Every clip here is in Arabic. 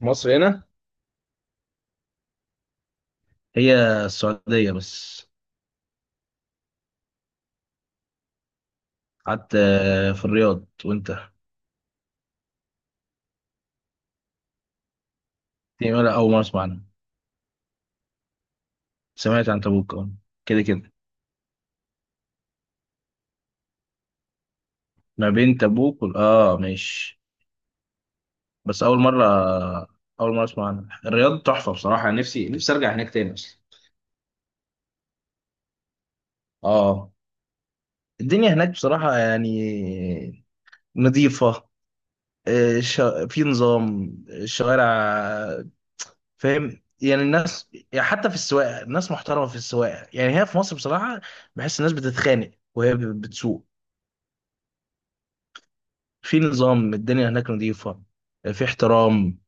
مصر هنا. هي السعودية بس. قعدت في الرياض وانت؟ دي ولا أول مرة أسمع عنها. سمعت عن تبوك اه. كده كده، ما بين تبوك اه ماشي. بس أول مرة، أول مرة أسمع عنها. الرياض تحفة بصراحة، نفسي نفسي أرجع هناك تاني أصلا. اه، الدنيا هناك بصراحة يعني نظيفة، آه، ش... في نظام الشوارع، فاهم يعني. الناس يعني حتى في السواقه الناس محترمه في السواقه. يعني هي في مصر بصراحه بحس الناس بتتخانق وهي بتسوق. في نظام، الدنيا هناك نظيفه، في احترام.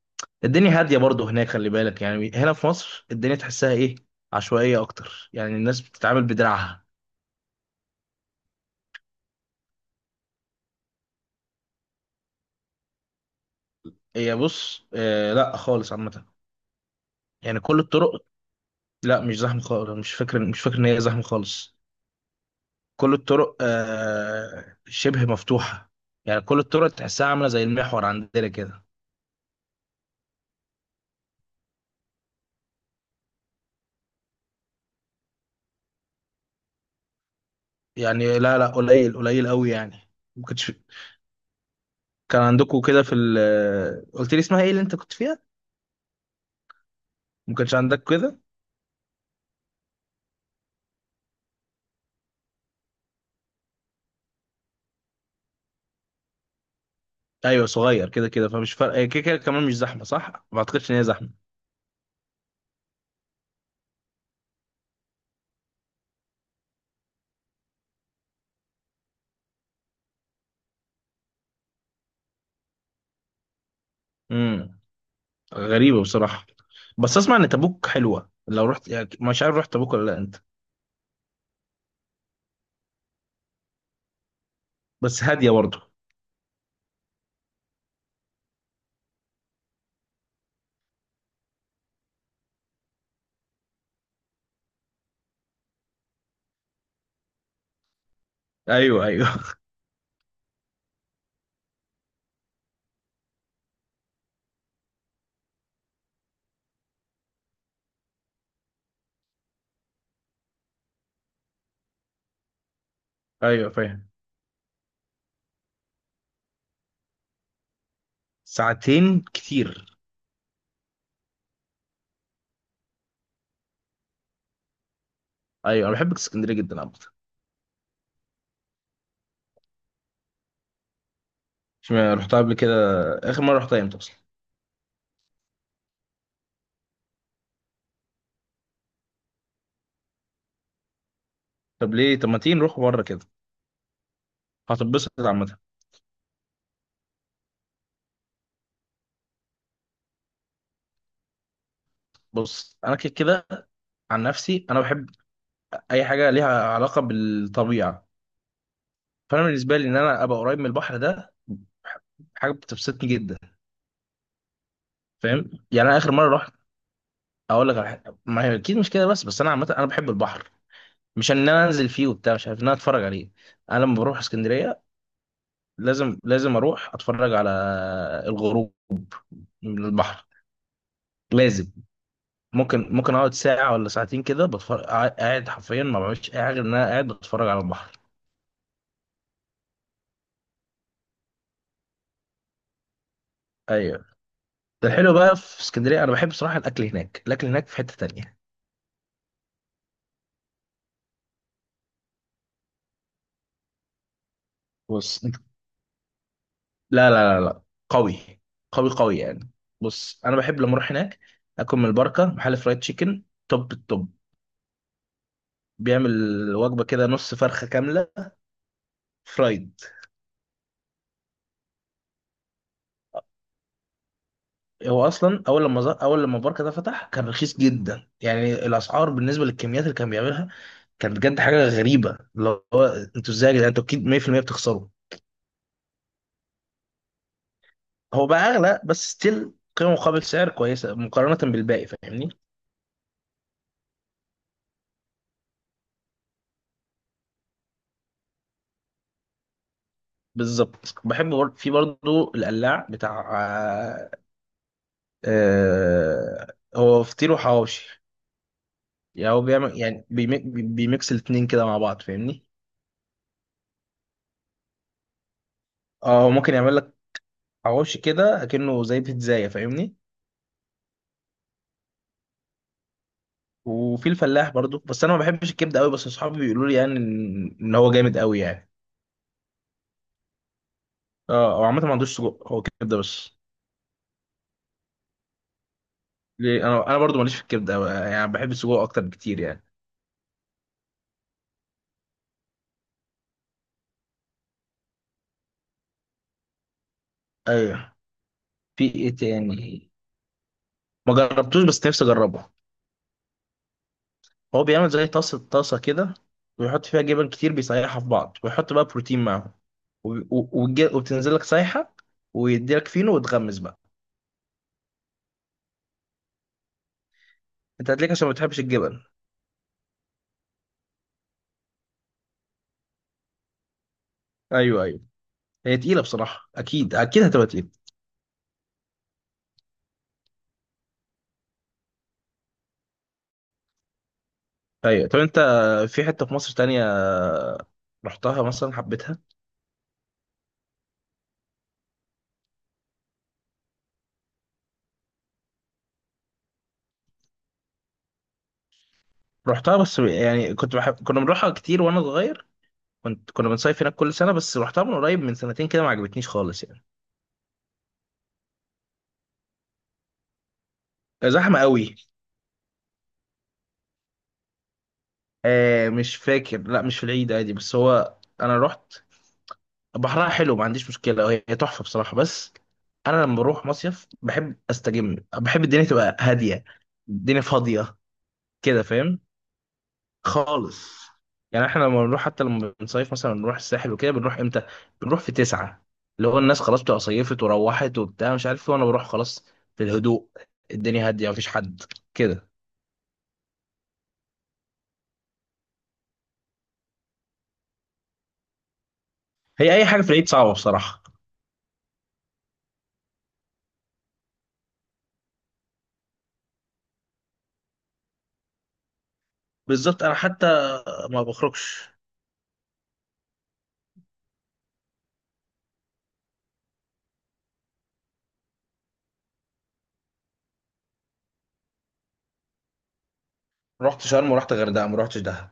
الدنيا هاديه برضه هناك، خلي بالك. يعني هنا في مصر الدنيا تحسها ايه، عشوائيه اكتر، يعني الناس بتتعامل بدراعها. هي بص آه، لا خالص عامه. يعني كل الطرق، لا مش زحمه خالص. مش فاكر ان هي زحمه خالص. كل الطرق آه شبه مفتوحه، يعني كل الطرق تحسها عامله زي المحور عندنا كده. يعني لا لا، قليل قليل قوي يعني. ما كنتش كان عندكم كده في ال... قلت لي اسمها ايه اللي انت كنت فيها؟ ما كانش عندك كده. ايوه صغير كده كده، فمش فارقه، هي كده كده كمان مش زحمه، صح؟ ما اعتقدش ان هي زحمه. امم غريبه بصراحه. بس اسمع ان تبوك حلوه لو رحت، يعني مش عارف رحت تبوك ولا لا انت؟ بس هاديه برضه. ايوه ايوه. ايوه فاهم. ساعتين كتير. ايوه انا بحب اسكندريه جدا عامه. مش رحتها قبل كده؟ اخر مره رحتها امتى اصلا؟ طب ليه طب ما تيجي نروح بره كده، هتتبسط عامه. بص انا كده كده، عن نفسي انا بحب اي حاجه ليها علاقه بالطبيعه. فانا بالنسبه لي، ان انا ابقى قريب من البحر ده، حاجه بتبسطني جدا، فاهم يعني. انا اخر مره رحت، اقول لك على حاجه. ما هي اكيد مش كده بس، بس انا عامه انا بحب البحر، مش ان انا انزل فيه وبتاع، مش عارف، ان انا اتفرج عليه. انا لما بروح اسكندريه لازم لازم اروح اتفرج على الغروب من البحر، لازم. ممكن اقعد ساعه ولا ساعتين كده بتفرج، قاعد حرفيا ما بعملش اي حاجه غير ان انا قاعد بتفرج على البحر. ايوه. الحلو بقى في اسكندريه، انا بحب صراحه الاكل هناك، الاكل هناك في حته تانية. بص انت، لا لا لا لا، قوي قوي قوي يعني. بص انا بحب لما اروح هناك اكل من البركه، محل فرايد تشيكن، توب التوب. بيعمل وجبه كده نص فرخه كامله فرايد. هو اصلا اول اول لما البركه ده فتح كان رخيص جدا. يعني الاسعار بالنسبه للكميات اللي كان بيعملها، كان بجد حاجه غريبه. اللي هو، انتوا ازاي يا جدعان؟ انتوا اكيد 100% بتخسروا. هو بقى اغلى، بس ستيل قيمه مقابل سعر كويسه مقارنه بالباقي، فاهمني. بالظبط. بحب في برضه القلاع بتاع هو فطير وحواوشي. يعني هو بيعمل يعني بيميكس الاتنين كده مع بعض، فاهمني. اه هو ممكن يعمل لك حواوشي كده اكنه زي بيتزاية، فاهمني. وفي الفلاح برضه، بس انا ما بحبش الكبده قوي، بس اصحابي بيقولوا لي يعني ان هو جامد قوي يعني. اه هو عامه ما عندوش سجق، هو كبده بس. ليه انا انا برضه ماليش في الكبده قوي يعني، بحب السجق اكتر بكتير يعني. ايوه. في ايه تاني؟ ما جربتوش بس نفسي اجربه. هو بيعمل زي طاسة طاسة كده، ويحط فيها جبن كتير، بيسيحها في بعض، ويحط بقى بروتين معاهم، وبتنزل لك سايحة، ويديلك فينو وتغمس بقى. انت هتلاقيك عشان ما بتحبش الجبن. ايوه ايوه. هي تقيلة بصراحة، اكيد اكيد هتبقى تقيلة. ايوه. طب انت في حتة في مصر تانية رحتها مثلا حبيتها؟ رحتها، بس يعني كنت بحب كنا بنروحها كتير وانا صغير، كنت كنا بنصيف هناك كل سنة، بس رحتها من قريب من سنتين كده ما عجبتنيش خالص يعني. زحمة قوي. آه مش فاكر، لا مش في العيد عادي، بس هو انا رحت. بحرها حلو ما عنديش مشكلة، هي هي تحفة بصراحة، بس أنا لما بروح مصيف بحب أستجم، بحب الدنيا تبقى هادية، الدنيا فاضية كده، فاهم؟ خالص يعني. احنا لما بنروح حتى لما بنصيف مثلا بنروح الساحل وكده، بنروح امتى؟ بنروح في تسعة. اللي هو الناس خلاص بتبقى صيفت وروحت وبتاع مش عارف ايه، وأنا بروح خلاص في الهدوء، الدنيا هادية مفيش حد كده. هي أي حاجة في العيد صعبة بصراحة. بالظبط. أنا حتى ما بخرجش. رحت شرم ورحت غردقة، ما رحتش دهب.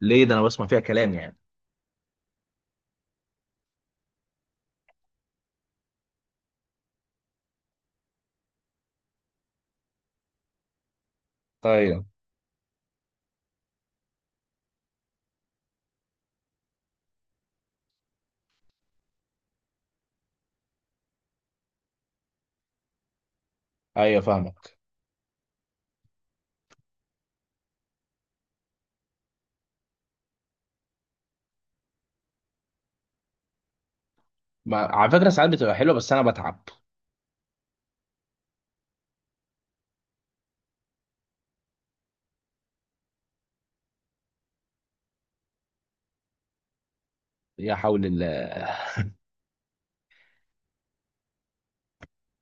ليه ده؟ أنا بسمع فيها كلام يعني. طيب. ايوه فاهمك. ما على فكره ساعات بتبقى حلوه بس انا بتعب. يا حول الله.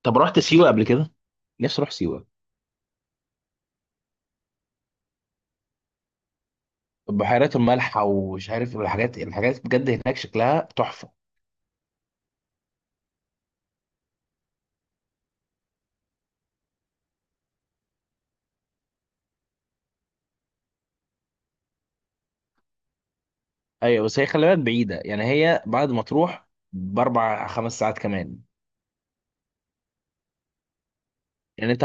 طب رحت سيوه قبل كده؟ نفسي اروح سيوه. بحيرات الملح ومش عارف الحاجات بجد هناك شكلها تحفه. ايوه بس هي خلي بالك بعيده، يعني هي بعد ما تروح باربع خمس ساعات كمان. يعني انت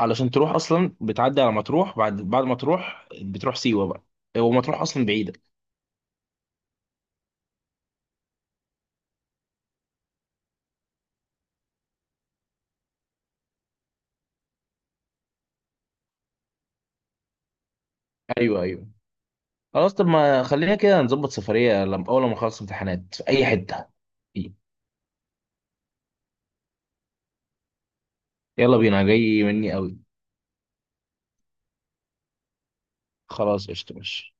علشان تروح اصلا بتعدي على مطروح، بعد ما تروح بتروح سيوه بقى، ومطروح اصلا بعيده. ايوه ايوه. خلاص طب ما خلينا كده نظبط سفريه لما اول ما نخلص امتحانات في اي حته. يلا بينا، جاي مني قوي. خلاص قشطة ماشي.